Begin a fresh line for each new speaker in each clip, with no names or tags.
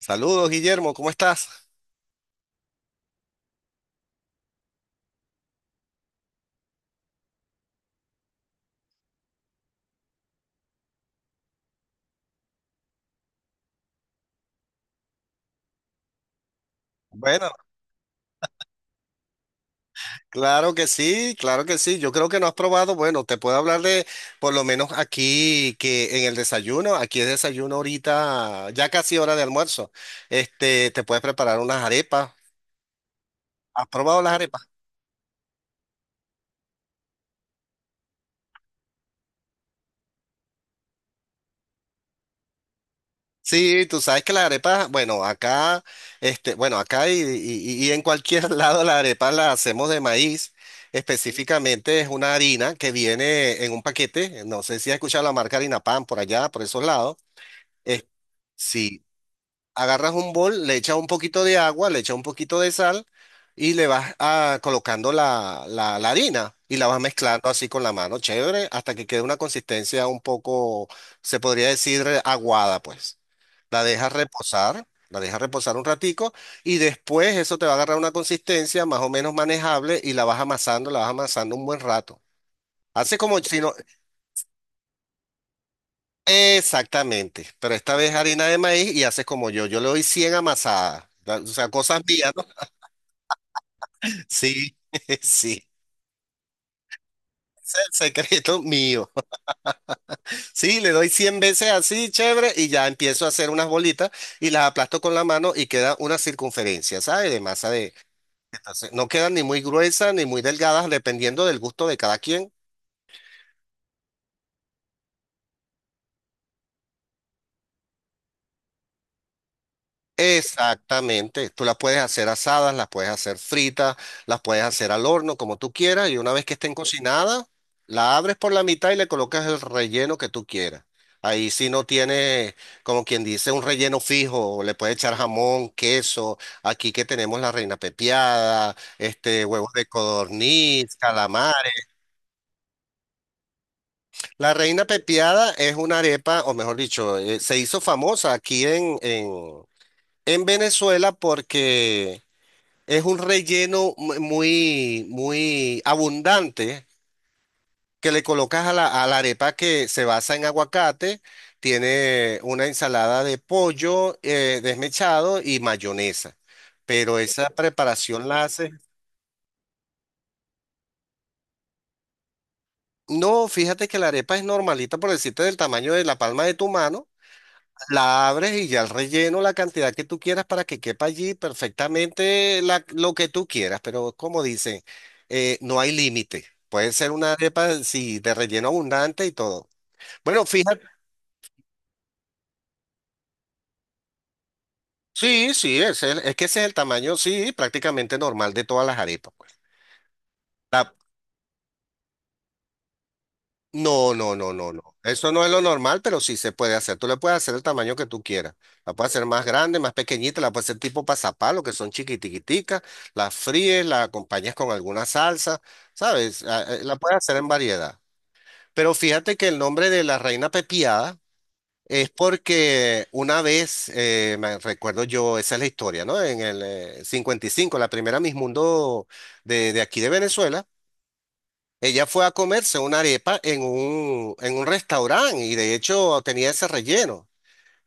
Saludos, Guillermo, ¿cómo estás? Bueno, claro que sí, claro que sí. Yo creo que no has probado. Bueno, te puedo hablar de, por lo menos aquí, que en el desayuno, aquí es desayuno ahorita, ya casi hora de almuerzo. Te puedes preparar unas arepas. ¿Has probado las arepas? Sí, tú sabes que las arepas, bueno, acá y en cualquier lado las arepas las hacemos de maíz. Específicamente es una harina que viene en un paquete. No sé si has escuchado la marca Harina Pan por allá, por esos lados. Es, si agarras un bol, le echas un poquito de agua, le echas un poquito de sal y le vas colocando la harina y la vas mezclando así con la mano, chévere, hasta que quede una consistencia un poco, se podría decir, aguada, pues. La dejas reposar un ratico y después eso te va a agarrar una consistencia más o menos manejable y la vas amasando un buen rato. Hace como si no, exactamente, pero esta vez harina de maíz y haces como yo le doy 100 amasadas, o sea, cosas mías, ¿no? Sí, sí, ese es el secreto mío. Sí, le doy 100 veces así, chévere, y ya empiezo a hacer unas bolitas y las aplasto con la mano y queda una circunferencia, ¿sabes? De masa de... Entonces, no quedan ni muy gruesas ni muy delgadas, dependiendo del gusto de cada quien. Exactamente, tú las puedes hacer asadas, las puedes hacer fritas, las puedes hacer al horno, como tú quieras, y una vez que estén cocinadas, la abres por la mitad y le colocas el relleno que tú quieras. Ahí sí no tiene, como quien dice, un relleno fijo, le puedes echar jamón, queso, aquí que tenemos la reina pepiada, huevos de codorniz, calamares. La reina pepiada es una arepa, o mejor dicho, se hizo famosa aquí en Venezuela porque... Es un relleno muy, muy abundante que le colocas a la arepa que se basa en aguacate. Tiene una ensalada de pollo desmechado y mayonesa. Pero esa preparación la haces. No, fíjate que la arepa es normalita, por decirte, del tamaño de la palma de tu mano. La abres y ya el relleno, la cantidad que tú quieras para que quepa allí perfectamente lo que tú quieras, pero como dicen, no hay límite. Puede ser una arepa, sí, de relleno abundante y todo. Bueno, fíjate, sí, sí, es, es que ese es el tamaño, sí, prácticamente normal de todas las arepas, pues. La- No, no, no, no, no. Eso no es lo normal, pero sí se puede hacer. Tú le puedes hacer el tamaño que tú quieras. La puedes hacer más grande, más pequeñita, la puedes hacer tipo pasapalo, que son chiquitiquiticas, las fríes, la acompañas con alguna salsa, ¿sabes? La puedes hacer en variedad. Pero fíjate que el nombre de la reina pepiada es porque una vez, me recuerdo yo, esa es la historia, ¿no? En el 55 la primera Miss Mundo de aquí de Venezuela. Ella fue a comerse una arepa en un restaurante y de hecho tenía ese relleno.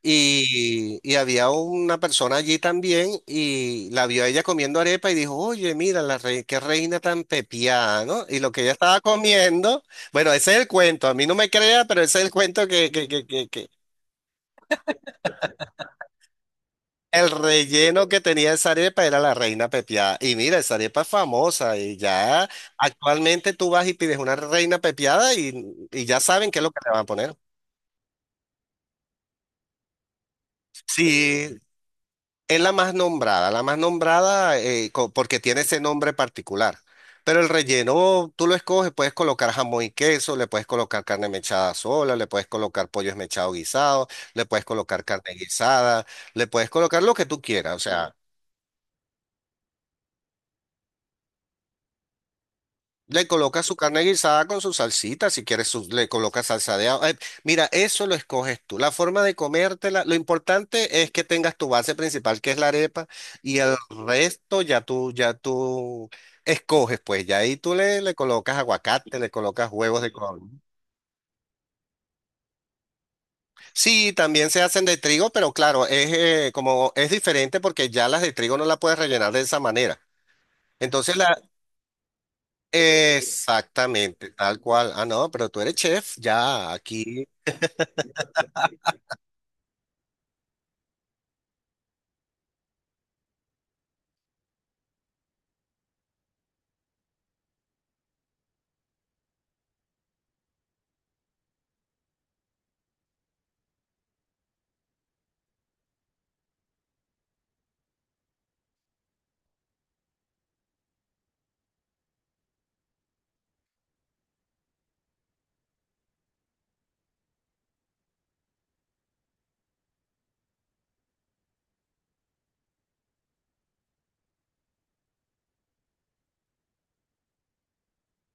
Y había una persona allí también y la vio a ella comiendo arepa y dijo, oye, mira, qué reina tan pepiada, ¿no? Y lo que ella estaba comiendo, bueno, ese es el cuento, a mí no me crea, pero ese es el cuento que el relleno que tenía esa arepa era la reina pepiada. Y mira, esa arepa es famosa y ya actualmente tú vas y pides una reina pepiada y ya saben qué es lo que le van a poner. Sí, es la más nombrada porque tiene ese nombre particular. Pero el relleno tú lo escoges, puedes colocar jamón y queso, le puedes colocar carne mechada sola, le puedes colocar pollo esmechado guisado, le puedes colocar carne guisada, le puedes colocar lo que tú quieras. O sea, le coloca su carne guisada con su salsita, si quieres le coloca salsa de agua. Mira, eso lo escoges tú. La forma de comértela, lo importante es que tengas tu base principal, que es la arepa, y el resto ya tú escoges, pues ya ahí tú le colocas aguacate, le colocas huevos de color. Sí, también se hacen de trigo, pero claro, es como es diferente porque ya las de trigo no las puedes rellenar de esa manera. Entonces exactamente, tal cual. Ah, no, pero tú eres chef, ya aquí.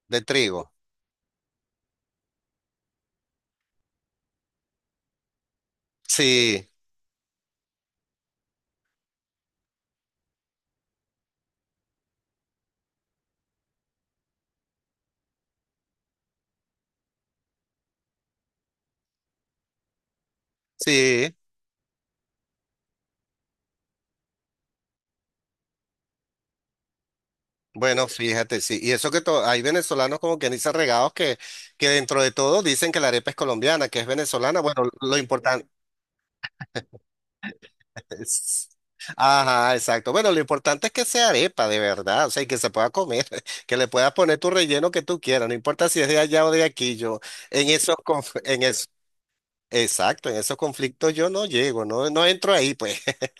De trigo. Sí, sí. Bueno, fíjate, sí. Y eso que hay venezolanos como que dicen regados que, dentro de todo dicen que la arepa es colombiana, que es venezolana. Bueno, lo importante es... Ajá, exacto. Bueno, lo importante es que sea arepa de verdad, o sea, y que se pueda comer, que le puedas poner tu relleno que tú quieras, no importa si es de allá o de aquí, yo en eso, exacto, en esos conflictos yo no llego, no, no entro ahí, pues.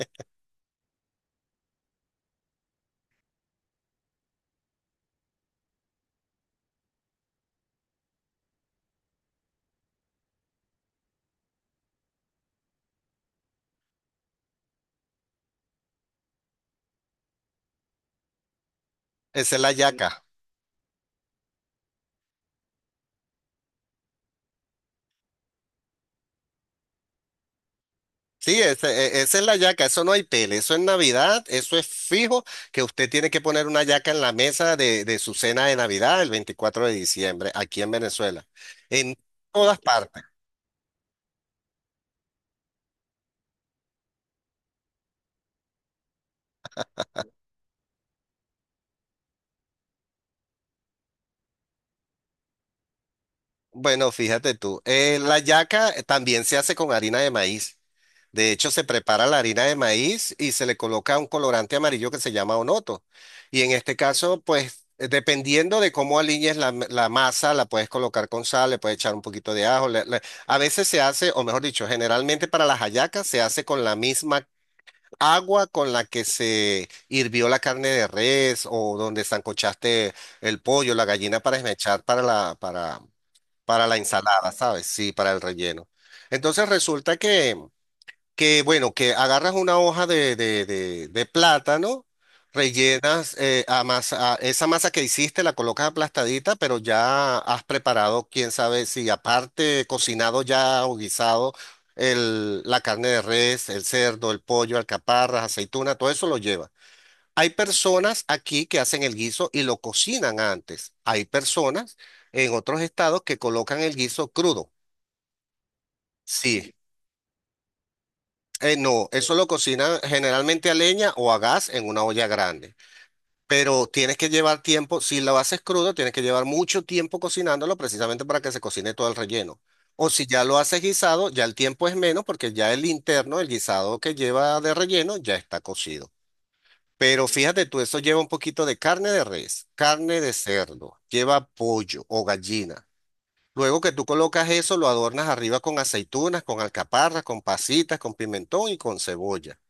Esa es la yaca. Sí, esa es la yaca, eso no hay pele, eso es Navidad, eso es fijo, que usted tiene que poner una yaca en la mesa de su cena de Navidad el 24 de diciembre, aquí en Venezuela. En todas partes. Bueno, fíjate tú, la yaca también se hace con harina de maíz. De hecho, se prepara la harina de maíz y se le coloca un colorante amarillo que se llama onoto. Y en este caso, pues, dependiendo de cómo aliñes la masa, la puedes colocar con sal, le puedes echar un poquito de ajo. A veces se hace, o mejor dicho, generalmente para las hallacas se hace con la misma agua con la que se hirvió la carne de res o donde sancochaste el pollo, la gallina para esmechar para la ensalada, ¿sabes? Sí, para el relleno. Entonces resulta que bueno, que agarras una hoja de plátano, rellenas a esa masa que hiciste, la colocas aplastadita, pero ya has preparado, quién sabe si aparte cocinado ya o guisado la carne de res, el cerdo, el pollo, alcaparras, aceituna, todo eso lo lleva. Hay personas aquí que hacen el guiso y lo cocinan antes. Hay personas en otros estados que colocan el guiso crudo. Sí, no, eso lo cocinan generalmente a leña o a gas en una olla grande. Pero tienes que llevar tiempo, si lo haces crudo, tienes que llevar mucho tiempo cocinándolo precisamente para que se cocine todo el relleno. O si ya lo haces guisado, ya el tiempo es menos porque ya el interno, el guisado que lleva de relleno, ya está cocido. Pero fíjate tú, eso lleva un poquito de carne de res, carne de cerdo, lleva pollo o gallina. Luego que tú colocas eso, lo adornas arriba con aceitunas, con alcaparras, con pasitas, con pimentón y con cebolla.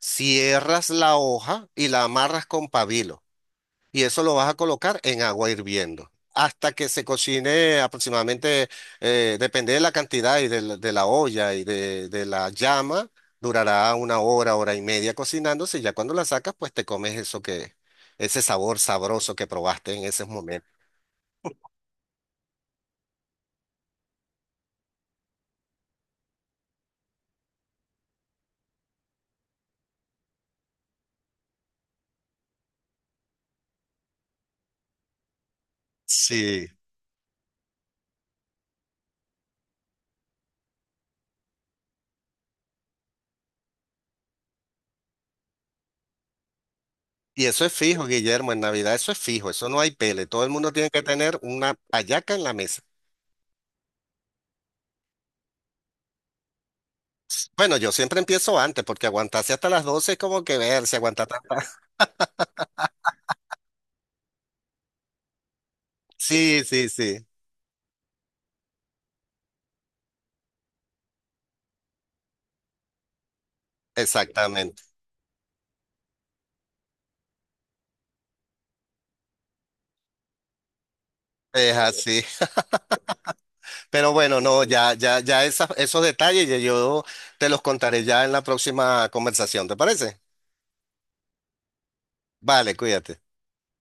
Cierras la hoja y la amarras con pabilo y eso lo vas a colocar en agua hirviendo hasta que se cocine aproximadamente, depende de la cantidad y la de la olla y de la llama, durará una hora, hora y media cocinándose y ya cuando la sacas, pues te comes eso que, ese sabor sabroso que probaste en esos momentos. Sí. Y eso es fijo, Guillermo, en Navidad eso es fijo, eso no hay pele, todo el mundo tiene que tener una hallaca en la mesa. Bueno, yo siempre empiezo antes porque aguantarse hasta las 12 es como que ver, si aguanta tanta. Sí, sí, sí, exactamente. Es así. Pero bueno, no, esos detalles ya yo te los contaré ya en la próxima conversación, ¿te parece? Vale, cuídate.